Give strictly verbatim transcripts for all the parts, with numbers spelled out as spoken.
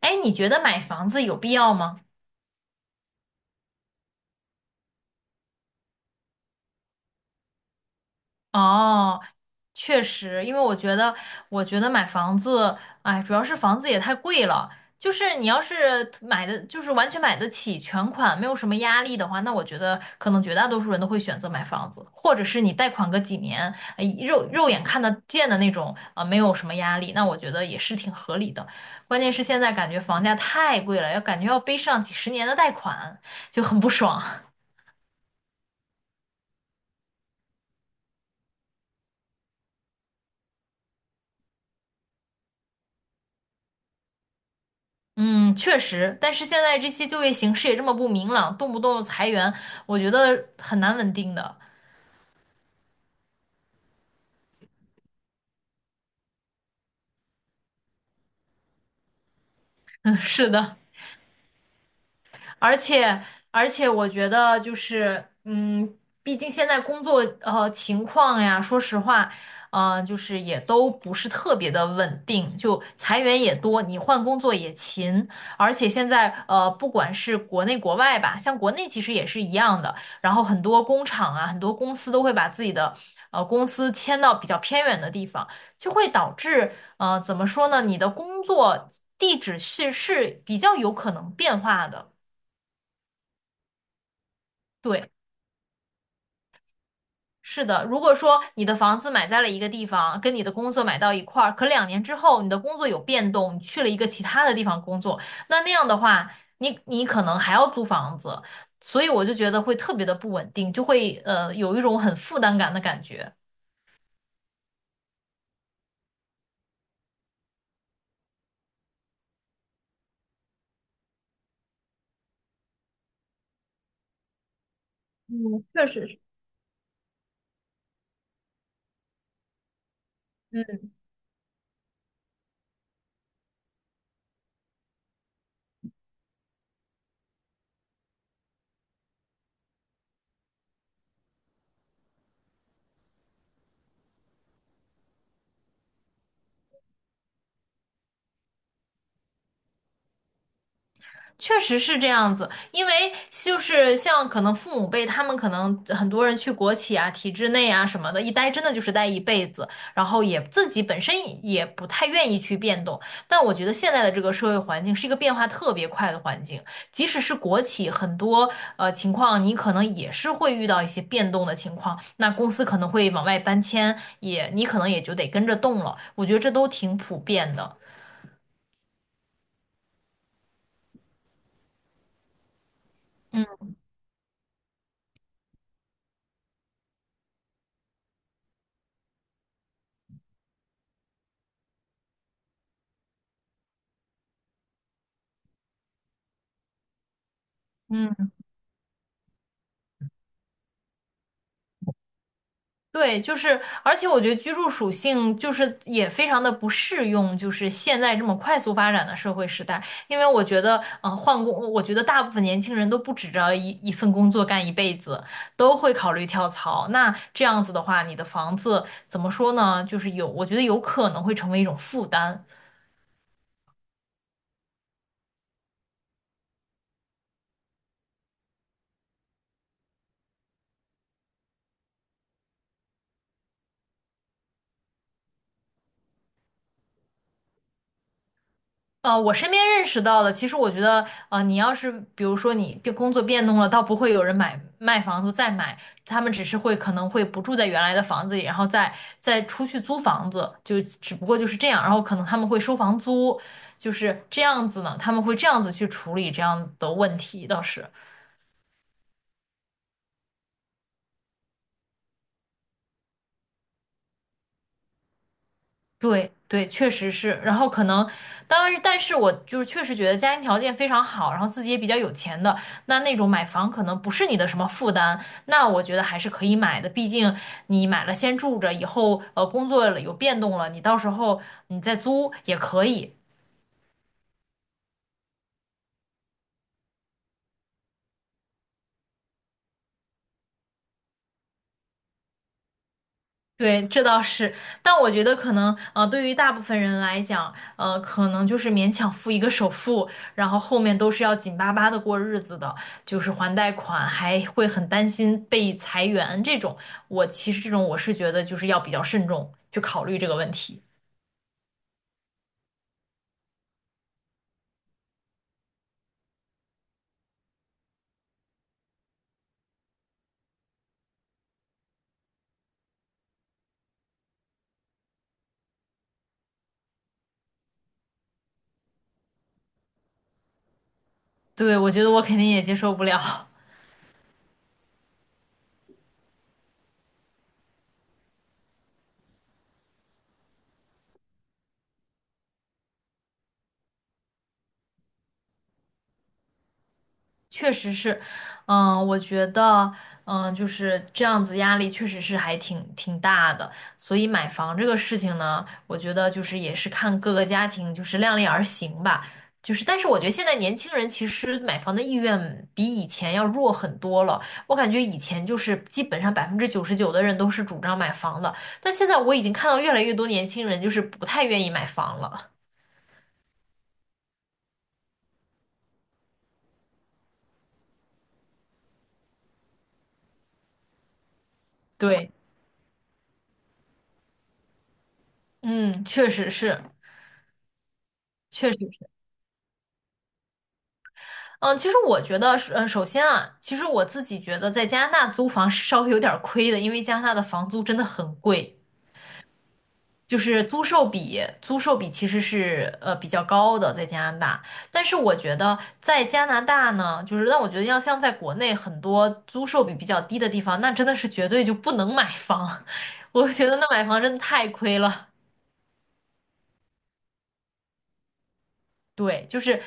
哎，你觉得买房子有必要吗？哦，确实，因为我觉得，我觉得买房子，哎，主要是房子也太贵了。就是你要是买的，就是完全买得起全款，没有什么压力的话，那我觉得可能绝大多数人都会选择买房子，或者是你贷款个几年，哎肉肉眼看得见的那种啊，没有什么压力，那我觉得也是挺合理的。关键是现在感觉房价太贵了，要感觉要背上几十年的贷款，就很不爽。嗯，确实，但是现在这些就业形势也这么不明朗，动不动裁员，我觉得很难稳定的。嗯，是的。而且而且我觉得就是，嗯，毕竟现在工作呃情况呀，说实话，呃，就是也都不是特别的稳定，就裁员也多，你换工作也勤，而且现在呃，不管是国内国外吧，像国内其实也是一样的，然后很多工厂啊，很多公司都会把自己的呃公司迁到比较偏远的地方，就会导致呃怎么说呢，你的工作地址是是比较有可能变化的。对，是的。如果说你的房子买在了一个地方，跟你的工作买到一块儿，可两年之后你的工作有变动，你去了一个其他的地方工作，那那样的话，你你可能还要租房子，所以我就觉得会特别的不稳定，就会呃有一种很负担感的感觉。确实是这样子，因为就是像可能父母辈，他们可能很多人去国企啊、体制内啊什么的，一待真的就是待一辈子，然后也自己本身也不太愿意去变动。但我觉得现在的这个社会环境是一个变化特别快的环境，即使是国企，很多呃情况你可能也是会遇到一些变动的情况，那公司可能会往外搬迁，也你可能也就得跟着动了。我觉得这都挺普遍的。嗯嗯。对，就是，而且我觉得居住属性就是也非常的不适用，就是现在这么快速发展的社会时代，因为我觉得，嗯、换工，我觉得大部分年轻人都不指着一一份工作干一辈子，都会考虑跳槽。那这样子的话，你的房子怎么说呢？就是有，我觉得有可能会成为一种负担。呃，我身边认识到的，其实我觉得，呃，你要是比如说你变工作变动了，倒不会有人买卖房子再买，他们只是会可能会不住在原来的房子里，然后再再出去租房子，就只不过就是这样，然后可能他们会收房租，就是这样子呢，他们会这样子去处理这样的问题，倒是。对对，确实是。然后可能，当然是，但是我就是确实觉得家庭条件非常好，然后自己也比较有钱的，那那种买房可能不是你的什么负担，那我觉得还是可以买的。毕竟你买了先住着，以后呃工作了有变动了，你到时候你再租也可以。对，这倒是，但我觉得可能，呃，对于大部分人来讲，呃，可能就是勉强付一个首付，然后后面都是要紧巴巴的过日子的，就是还贷款，还会很担心被裁员这种。我其实这种我是觉得就是要比较慎重去考虑这个问题。对，我觉得我肯定也接受不了。确实是，嗯，我觉得，嗯，就是这样子，压力确实是还挺挺大的。所以买房这个事情呢，我觉得就是也是看各个家庭就是量力而行吧。就是，但是我觉得现在年轻人其实买房的意愿比以前要弱很多了。我感觉以前就是基本上百分之九十九的人都是主张买房的，但现在我已经看到越来越多年轻人就是不太愿意买房了。对，嗯，确实是。确实。嗯，其实我觉得是，呃，首先啊，其实我自己觉得在加拿大租房是稍微有点儿亏的，因为加拿大的房租真的很贵，就是租售比，租售比其实是呃比较高的在加拿大。但是我觉得在加拿大呢，就是让我觉得要像在国内很多租售比比较低的地方，那真的是绝对就不能买房，我觉得那买房真的太亏了。对，就是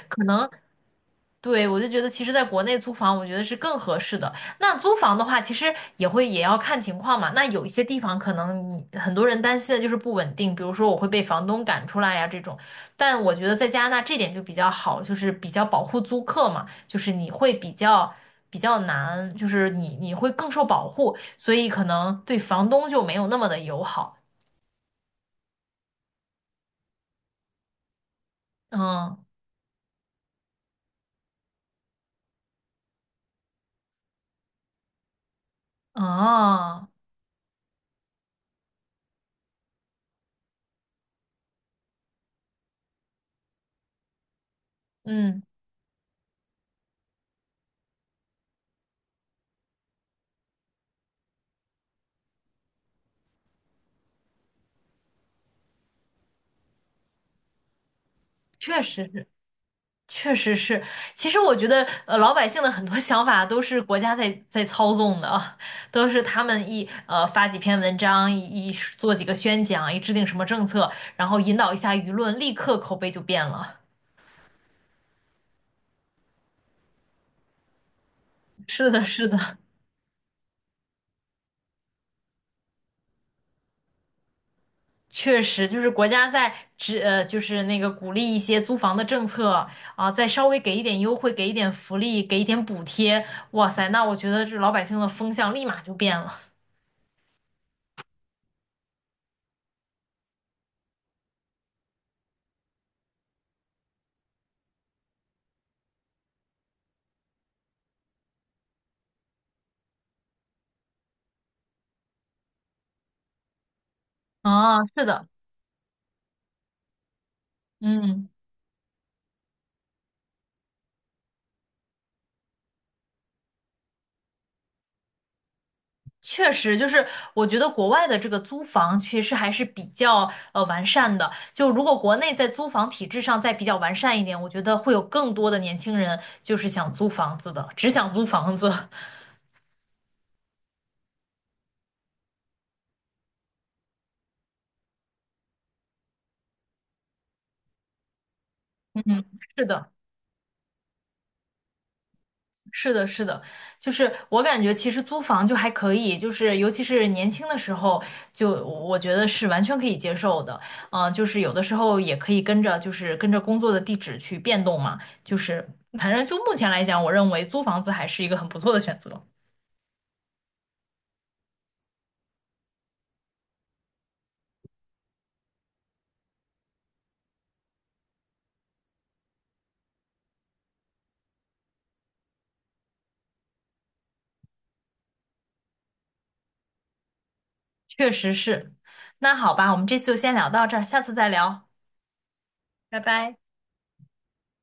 对，我就觉得其实在国内租房，我觉得是更合适的。那租房的话，其实也会也要看情况嘛。那有一些地方可能你很多人担心的就是不稳定，比如说我会被房东赶出来呀这种。但我觉得在加拿大这点就比较好，就是比较保护租客嘛，就是你会比较比较难，就是你你会更受保护，所以可能对房东就没有那么的友好。嗯，哦，嗯，确实是。确实是，其实我觉得，呃，老百姓的很多 想法都是国家在在操纵的啊，都是他们一呃发几篇文章，一一做几个宣讲，一制定什么政策，然后引导一下舆论，立刻口碑就变了。是的，是的，确实就是国家在只呃就是那个鼓励一些租房的政策啊，再稍微给一点优惠，给一点福利，给一点补贴，哇塞，那我觉得这老百姓的风向立马就变了。啊，是的，嗯。确实，就是我觉得国外的这个租房其实还是比较呃完善的。就如果国内在租房体制上再比较完善一点，我觉得会有更多的年轻人就是想租房子的，只想租房子。嗯，是的。是的，是的，就是我感觉其实租房就还可以，就是尤其是年轻的时候，就我觉得是完全可以接受的。嗯、就是有的时候也可以跟着，就是跟着工作的地址去变动嘛。就是反正就目前来讲，我认为租房子还是一个很不错的选择。确实是。那好吧，我们这次就先聊到这儿，下次再聊，拜拜。